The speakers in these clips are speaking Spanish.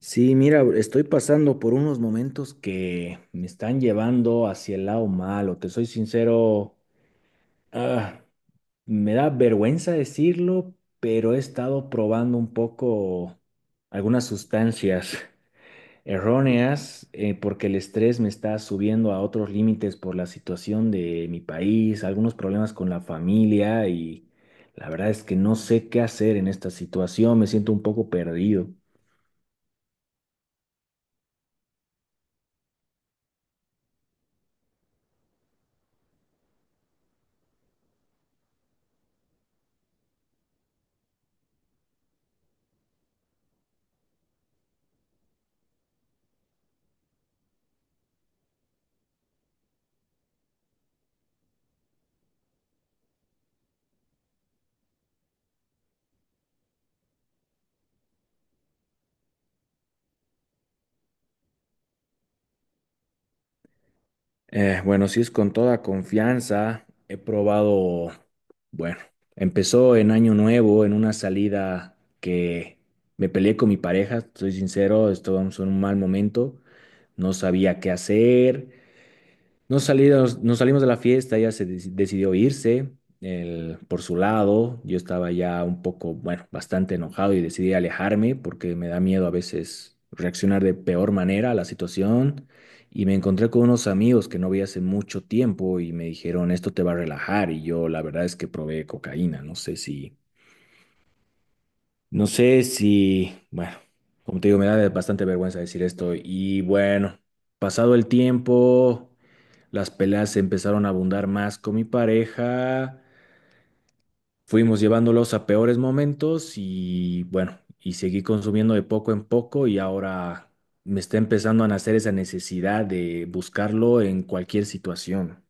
Sí, mira, estoy pasando por unos momentos que me están llevando hacia el lado malo. Te soy sincero, ah, me da vergüenza decirlo, pero he estado probando un poco algunas sustancias erróneas porque el estrés me está subiendo a otros límites por la situación de mi país, algunos problemas con la familia y la verdad es que no sé qué hacer en esta situación. Me siento un poco perdido. Bueno, sí es con toda confianza. He probado, bueno, empezó en Año Nuevo, en una salida que me peleé con mi pareja, soy sincero, estábamos en un mal momento, no sabía qué hacer, nos salimos de la fiesta, decidió irse él, por su lado. Yo estaba ya un poco, bueno, bastante enojado y decidí alejarme porque me da miedo a veces reaccionar de peor manera a la situación. Y me encontré con unos amigos que no vi hace mucho tiempo y me dijeron, esto te va a relajar. Y yo la verdad es que probé cocaína. No sé si, no sé si, Bueno, como te digo, me da bastante vergüenza decir esto. Y bueno, pasado el tiempo. Las peleas empezaron a abundar más con mi pareja, fuimos llevándolos a peores momentos y bueno, y seguí consumiendo de poco en poco y ahora me está empezando a nacer esa necesidad de buscarlo en cualquier situación.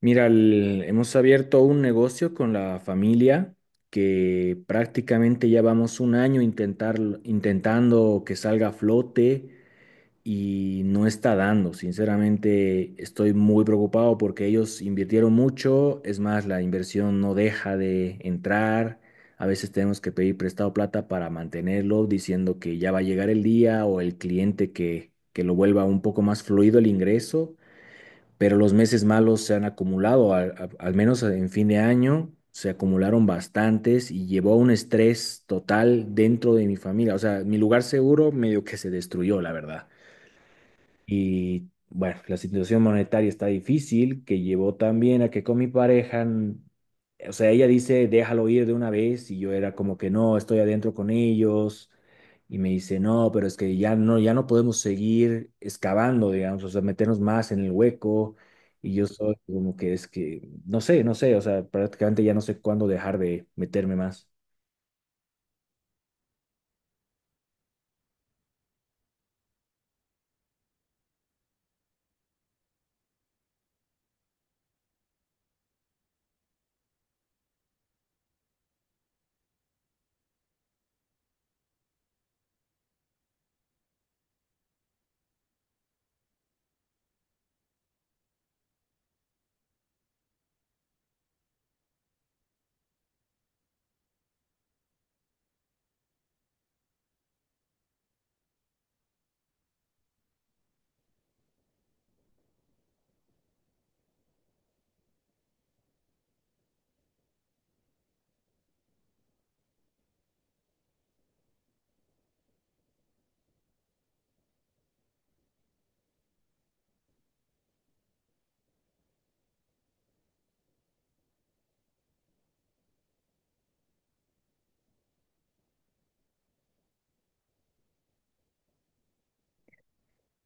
Mira, hemos abierto un negocio con la familia que prácticamente ya vamos un año intentando que salga a flote y no está dando. Sinceramente, estoy muy preocupado porque ellos invirtieron mucho, es más, la inversión no deja de entrar. A veces tenemos que pedir prestado plata para mantenerlo, diciendo que ya va a llegar el día o el cliente que lo vuelva un poco más fluido el ingreso, pero los meses malos se han acumulado, al menos en fin de año. Se acumularon bastantes y llevó a un estrés total dentro de mi familia. O sea, mi lugar seguro medio que se destruyó, la verdad. Y bueno, la situación monetaria está difícil, que llevó también a que con mi pareja, o sea, ella dice, déjalo ir de una vez, y yo era como que no, estoy adentro con ellos, y me dice, no, pero es que ya no podemos seguir excavando, digamos, o sea, meternos más en el hueco, y yo soy como que es que, no sé, o sea, prácticamente ya no sé cuándo dejar de meterme más.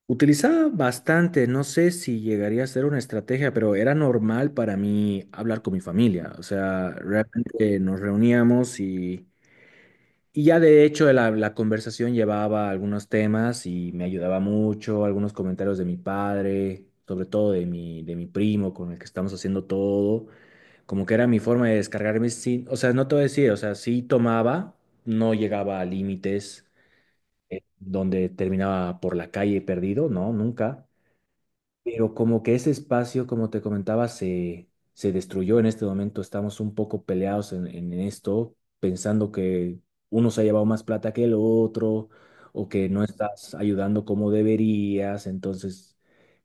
Utilizaba bastante, no sé si llegaría a ser una estrategia, pero era normal para mí hablar con mi familia. O sea, realmente nos reuníamos y ya de hecho la conversación llevaba algunos temas y me ayudaba mucho, algunos comentarios de mi padre, sobre todo de mi primo con el que estamos haciendo todo. Como que era mi forma de descargarme sin, o sea, no te voy a decir, o sea, sí tomaba, no llegaba a límites donde terminaba por la calle perdido, no, nunca, pero como que ese espacio, como te comentaba, se destruyó en este momento. Estamos un poco peleados en esto, pensando que uno se ha llevado más plata que el otro o que no estás ayudando como deberías. Entonces,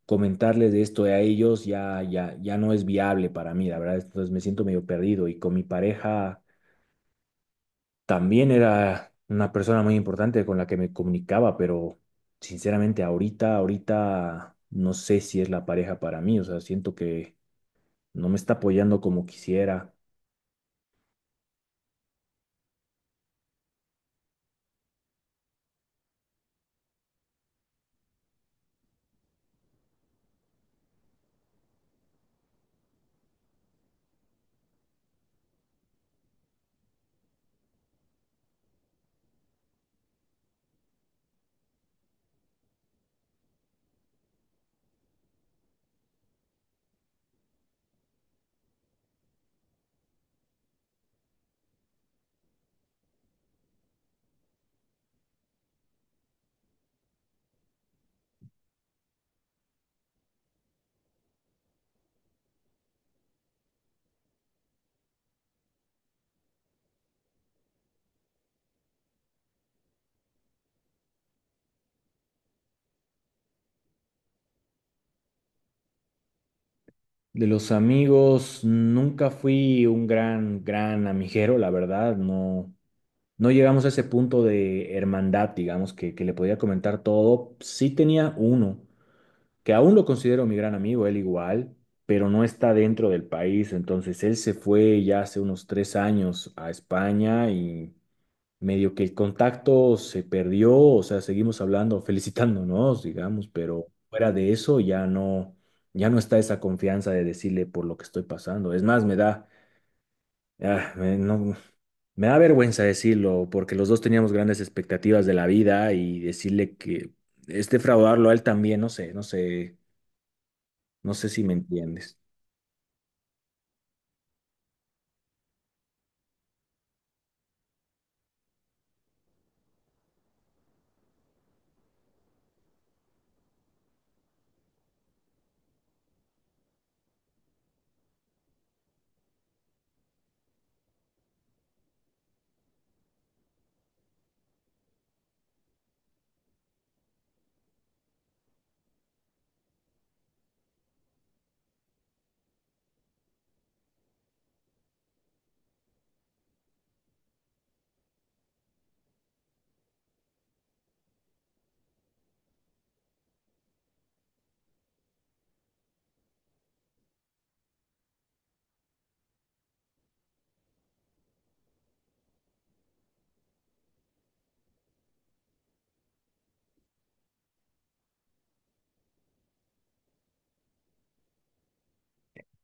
comentarles de esto a ellos ya no es viable para mí, la verdad. Entonces me siento medio perdido y con mi pareja. También era una persona muy importante con la que me comunicaba, pero sinceramente ahorita no sé si es la pareja para mí, o sea, siento que no me está apoyando como quisiera. De los amigos, nunca fui un gran amiguero, la verdad, no, no llegamos a ese punto de hermandad, digamos, que le podía comentar todo. Sí tenía uno que aún lo considero mi gran amigo, él igual, pero no está dentro del país. Entonces él se fue ya hace unos 3 años a España y medio que el contacto se perdió, o sea, seguimos hablando, felicitándonos, digamos, pero fuera de eso ya no, ya no está esa confianza de decirle por lo que estoy pasando. Es más, me da, ah, me- no, me da vergüenza decirlo, porque los dos teníamos grandes expectativas de la vida y decirle que este fraudarlo a él también, no sé, no sé. No sé si me entiendes.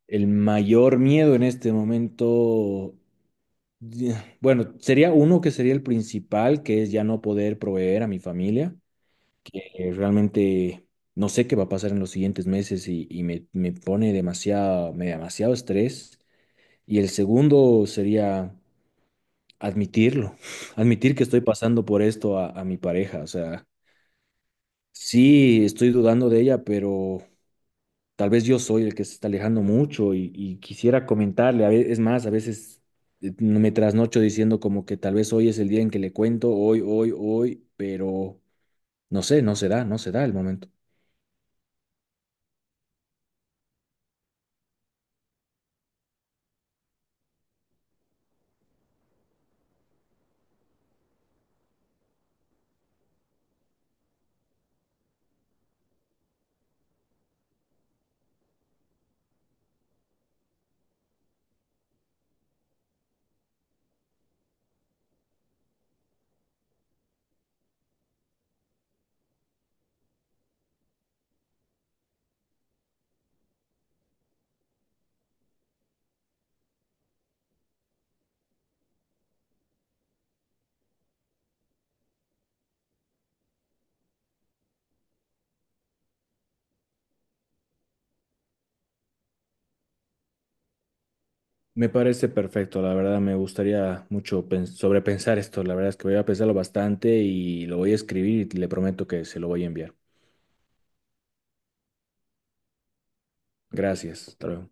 El mayor miedo en este momento, ya, bueno, sería uno que sería el principal, que es ya no poder proveer a mi familia. Realmente no sé qué va a pasar en los siguientes meses y me pone demasiado, me da demasiado estrés. Y el segundo sería admitirlo, admitir que estoy pasando por esto a mi pareja. O sea, sí, estoy dudando de ella, pero tal vez yo soy el que se está alejando mucho y quisiera comentarle. Es más, a veces no, me trasnocho diciendo como que tal vez hoy es el día en que le cuento, hoy, hoy, hoy, pero no sé, no se da el momento. Me parece perfecto, la verdad me gustaría mucho sobrepensar esto. La verdad es que voy a pensarlo bastante y lo voy a escribir y le prometo que se lo voy a enviar. Gracias, hasta luego.